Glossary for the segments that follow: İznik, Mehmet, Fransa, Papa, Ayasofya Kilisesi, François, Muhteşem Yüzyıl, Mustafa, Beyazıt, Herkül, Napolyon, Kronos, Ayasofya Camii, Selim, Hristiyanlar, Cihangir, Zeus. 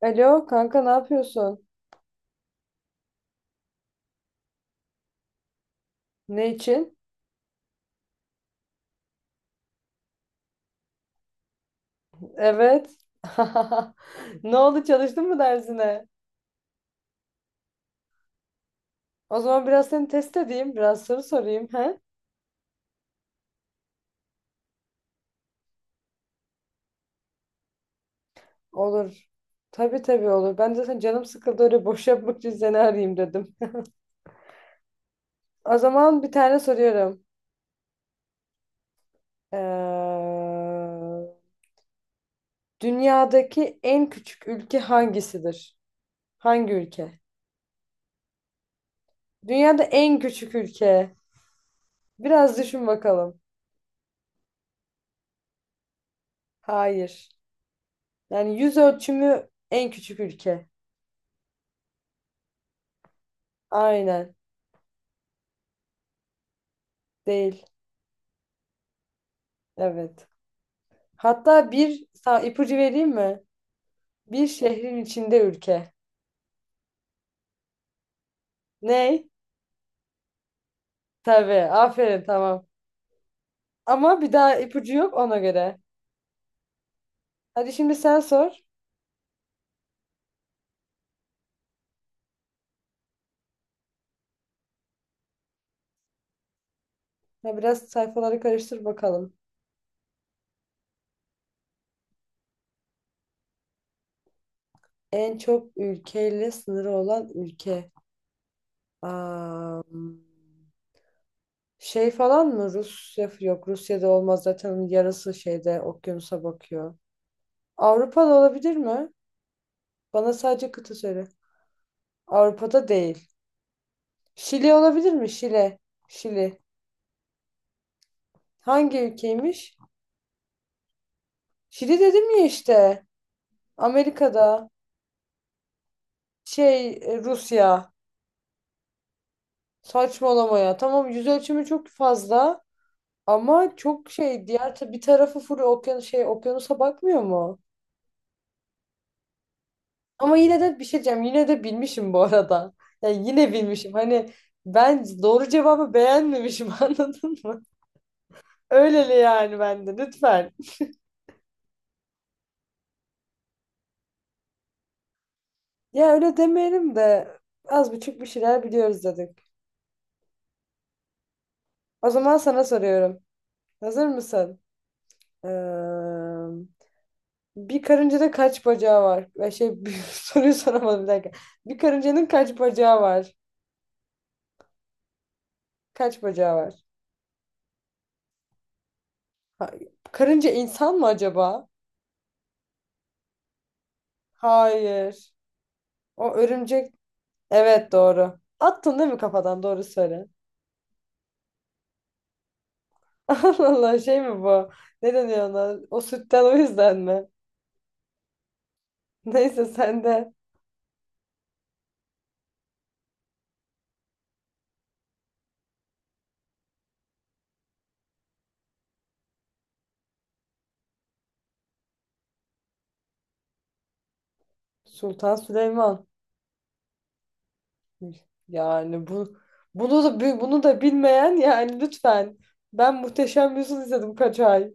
Alo kanka, ne yapıyorsun? Ne için? Evet. Ne oldu, çalıştın mı dersine? O zaman biraz seni test edeyim. Biraz soru sorayım. He? Olur. Tabii tabii, olur. Ben de sen, canım sıkıldı, öyle boş yapmak için seni arayayım dedim. O zaman bir tane soruyorum. Ee, dünyadaki en küçük ülke hangisidir? Hangi ülke? Dünyada en küçük ülke. Biraz düşün bakalım. Hayır. Yani yüz ölçümü en küçük ülke. Aynen. Değil. Evet. Hatta ipucu vereyim mi? Bir şehrin içinde ülke. Ney? Tabii. Aferin, tamam. Ama bir daha ipucu yok, ona göre. Hadi şimdi sen sor. Ya biraz sayfaları karıştır bakalım. En çok ülkeyle sınırı olan ülke. Am, şey falan mı? Rusya yok. Rusya'da olmaz zaten, onun yarısı şeyde, okyanusa bakıyor. Avrupa'da olabilir mi? Bana sadece kıta söyle. Avrupa'da değil. Şili olabilir mi? Şile. Şili. Hangi ülkeymiş? Şili dedim ya işte. Amerika'da. Şey Rusya. Saçmalama ya. Tamam, yüz ölçümü çok fazla. Ama çok şey, diğer bir tarafı full okyanus, şey, okyanusa bakmıyor mu? Ama yine de bir şey diyeceğim. Yine de bilmişim bu arada. Yani yine bilmişim. Hani ben doğru cevabı beğenmemişim anladın mı? Öyleli yani, bende lütfen. Ya öyle demeyelim de, az buçuk bir şeyler biliyoruz dedik. O zaman sana soruyorum. Hazır mısın? Ee, bir karıncada kaç bacağı var? Ve şey bir soruyu soramadım, bir dakika. Bir karıncanın kaç bacağı var? Kaç bacağı var? Ha- karınca insan mı acaba? Hayır. O örümcek. Evet doğru. Attın değil mi kafadan? Doğru söyle. Allah Allah, şey mi bu? Ne deniyor ona? O sütten, o yüzden mi? Neyse sen de. Sultan Süleyman. Yani bu, bunu da bilmeyen, yani lütfen. Ben Muhteşem Yüzyıl izledim kaç ay.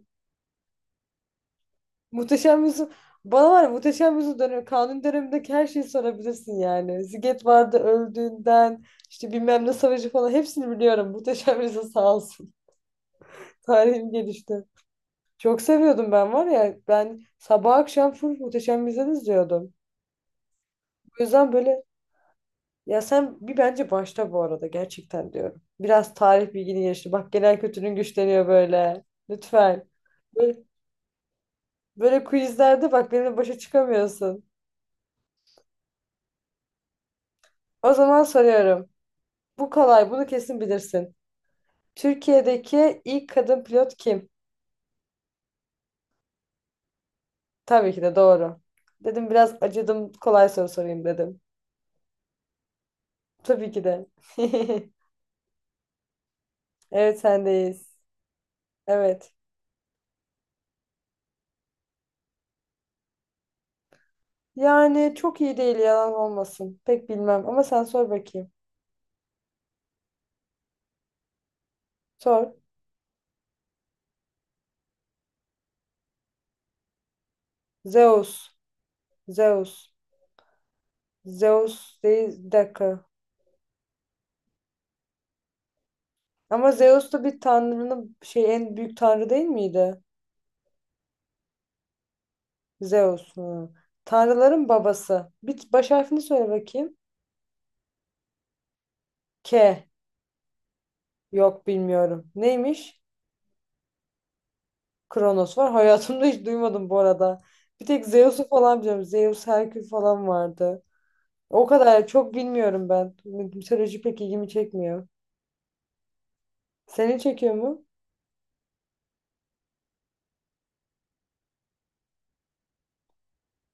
Muhteşem Yüzyıl, bana, var ya, Muhteşem Yüzyıl dönemi, kanun dönemindeki her şeyi sorabilirsin yani. Ziget vardı, öldüğünden, işte bilmem ne savaşı falan, hepsini biliyorum. Muhteşem Yüzyıl sağ olsun. Tarihim gelişti. Çok seviyordum ben, var ya, ben sabah akşam full Muhteşem Yüzyıl izliyordum. O yüzden böyle. Ya sen bir, bence başla bu arada, gerçekten diyorum. Biraz tarih bilgini geliştir. Bak, genel kültürün güçleniyor böyle. Lütfen. Böyle, böyle quizlerde bak, benimle başa çıkamıyorsun. O zaman soruyorum. Bu kolay, bunu kesin bilirsin. Türkiye'deki ilk kadın pilot kim? Tabii ki de doğru. Dedim biraz acıdım, kolay soru sorayım dedim. Tabii ki de. Evet sendeyiz. Evet. Yani çok iyi değil, yalan olmasın. Pek bilmem ama sen sor bakayım. Sor. Zeus. Zeus. Zeus değil. Bir dakika. Ama Zeus da bir tanrının, şey, en büyük tanrı değil miydi? Zeus. Hı. Tanrıların babası. Bir baş harfini söyle bakayım. K. Yok bilmiyorum. Neymiş? Kronos var. Hayatımda hiç duymadım bu arada. Bir tek Zeus'u falan biliyorum. Zeus, Herkül falan vardı. O kadar çok bilmiyorum ben. Mitoloji pek ilgimi çekmiyor. Seni çekiyor mu?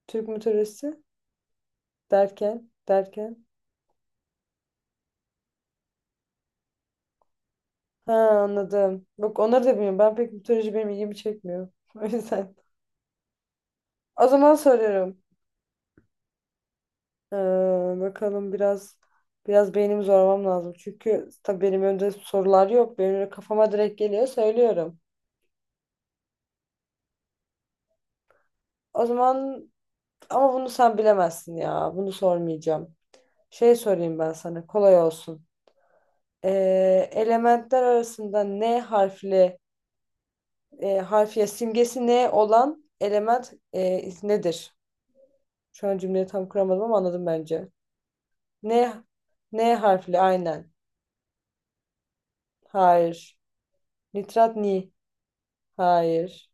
Türk mitolojisi derken. Ha, anladım. Bak, onları da bilmiyorum. Ben pek mitoloji, benim ilgimi çekmiyor. O yüzden. O zaman soruyorum. Ee, bakalım, biraz beynimi zorlamam lazım. Çünkü tabii benim önümde sorular yok. Benim öyle kafama direkt geliyor, söylüyorum. O zaman, ama bunu sen bilemezsin ya. Bunu sormayacağım. Şey sorayım ben sana. Kolay olsun. Elementler arasında N harfli, harfiye simgesi N olan element, nedir? Şu an cümleyi tam kuramadım ama anladım bence. N, N harfli aynen. Hayır. Nitrat ni. Hayır.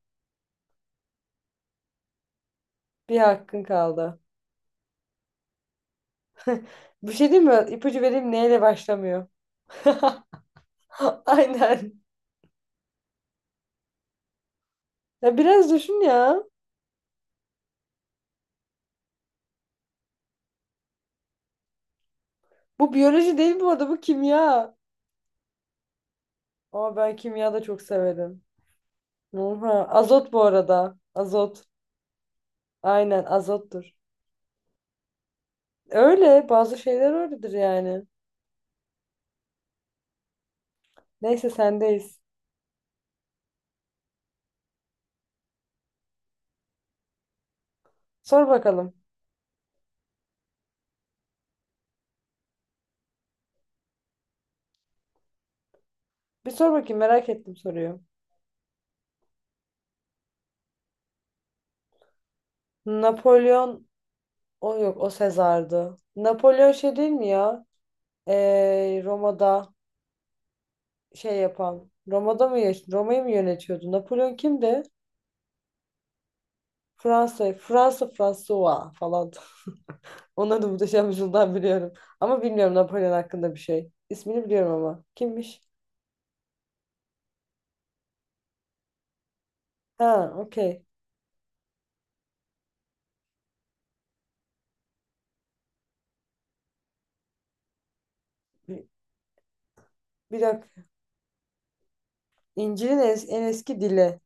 Bir hakkın kaldı. Bir şey değil mi? İpucu vereyim neyle başlamıyor. Aynen. Ya biraz düşün ya. Bu biyoloji değil bu arada, bu kimya. Ama ben kimya da çok severim. Oha. Azot bu arada. Azot. Aynen, azottur. Öyle bazı şeyler öyledir yani. Neyse sendeyiz. Sor bakalım. Bir sor bakayım, merak ettim soruyu. Napolyon. O yok, o Sezar'dı. Napolyon şey değil mi ya? Roma'da şey yapan. Roma'da mı Roma'yı mı yönetiyordu? Napolyon kimdi? Fransa, Fransa, François falan. Onları da muhteşem yüzyıldan biliyorum. Ama bilmiyorum Napolyon hakkında bir şey. İsmini biliyorum ama. Kimmiş? Ha, okey. Bir, bir dakika. İncil'in en eski dili.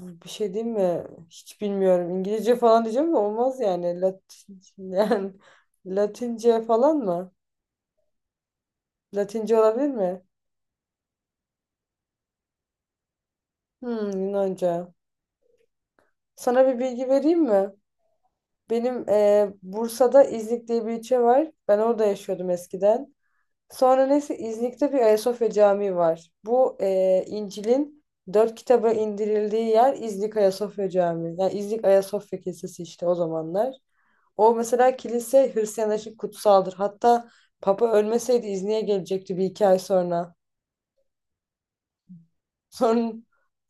Bir şey diyeyim mi? Hiç bilmiyorum. İngilizce falan diyeceğim de olmaz yani. Latin, yani Latince falan mı? Latince olabilir mi? Hmm, Yunanca. Sana bir bilgi vereyim mi? Benim Bursa'da İznik diye bir ilçe var. Ben orada yaşıyordum eskiden. Sonra neyse, İznik'te bir Ayasofya Camii var. Bu İncil'in dört kitaba indirildiği yer İznik Ayasofya Camii. Yani İznik Ayasofya Kilisesi işte, o zamanlar. O mesela kilise Hristiyanlar için kutsaldır. Hatta Papa ölmeseydi İznik'e gelecekti bir iki ay sonra. Sonra,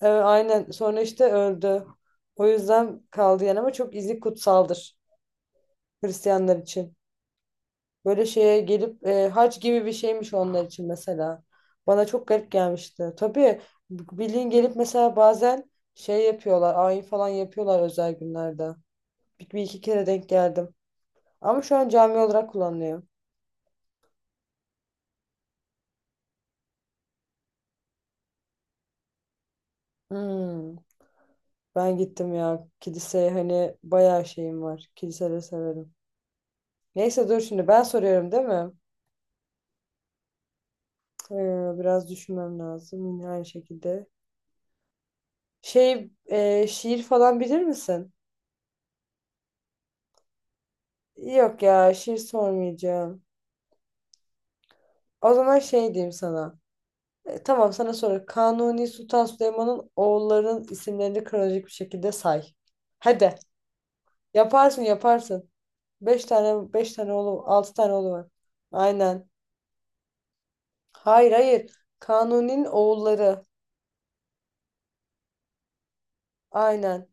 evet, aynen, sonra işte öldü. O yüzden kaldı yani, ama çok izi kutsaldır Hristiyanlar için. Böyle şeye gelip hac gibi bir şeymiş onlar için mesela. Bana çok garip gelmişti. Tabii bildiğin gelip mesela, bazen şey yapıyorlar, ayin falan yapıyorlar özel günlerde. Bir iki kere denk geldim. Ama şu an cami olarak kullanılıyor. Hmm, ben gittim ya kiliseye, hani bayağı şeyim var. Kiliseleri severim. Neyse dur şimdi ben soruyorum değil mi? Ee, biraz düşünmem lazım yine aynı şekilde. Şey şiir falan bilir misin? Yok ya, şiir sormayacağım. O zaman şey diyeyim sana. E, tamam, sana sonra Kanuni Sultan Süleyman'ın oğullarının isimlerini kronolojik bir şekilde say. Hadi, yaparsın yaparsın. Beş tane oğlu, altı tane oğlu var. Aynen. Hayır hayır. Kanuni'nin oğulları. Aynen.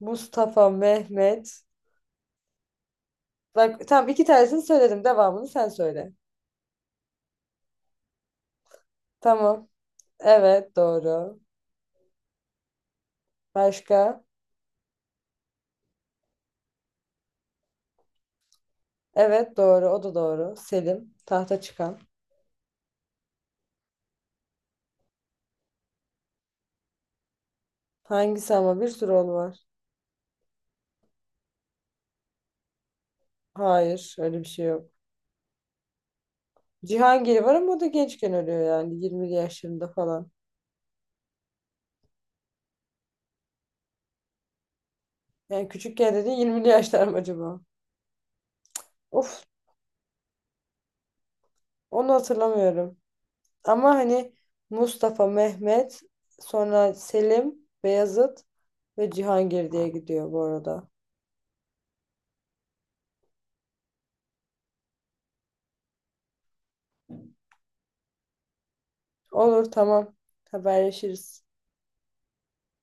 Mustafa, Mehmet. Bak tamam, iki tanesini söyledim. Devamını sen söyle. Tamam. Evet doğru. Başka? Evet doğru. O da doğru. Selim. Tahta çıkan. Hangisi? Ama bir sürü oğlu var. Hayır, öyle bir şey yok. Cihangir var ama o da gençken ölüyor, yani 20'li yaşlarında falan. Yani küçükken dediğin 20'li yaşlar mı acaba? Of, onu hatırlamıyorum. Ama hani Mustafa, Mehmet, sonra Selim, Beyazıt ve Cihangir diye gidiyor bu arada. Olur, tamam, haberleşiriz.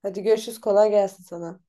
Hadi görüşürüz, kolay gelsin sana.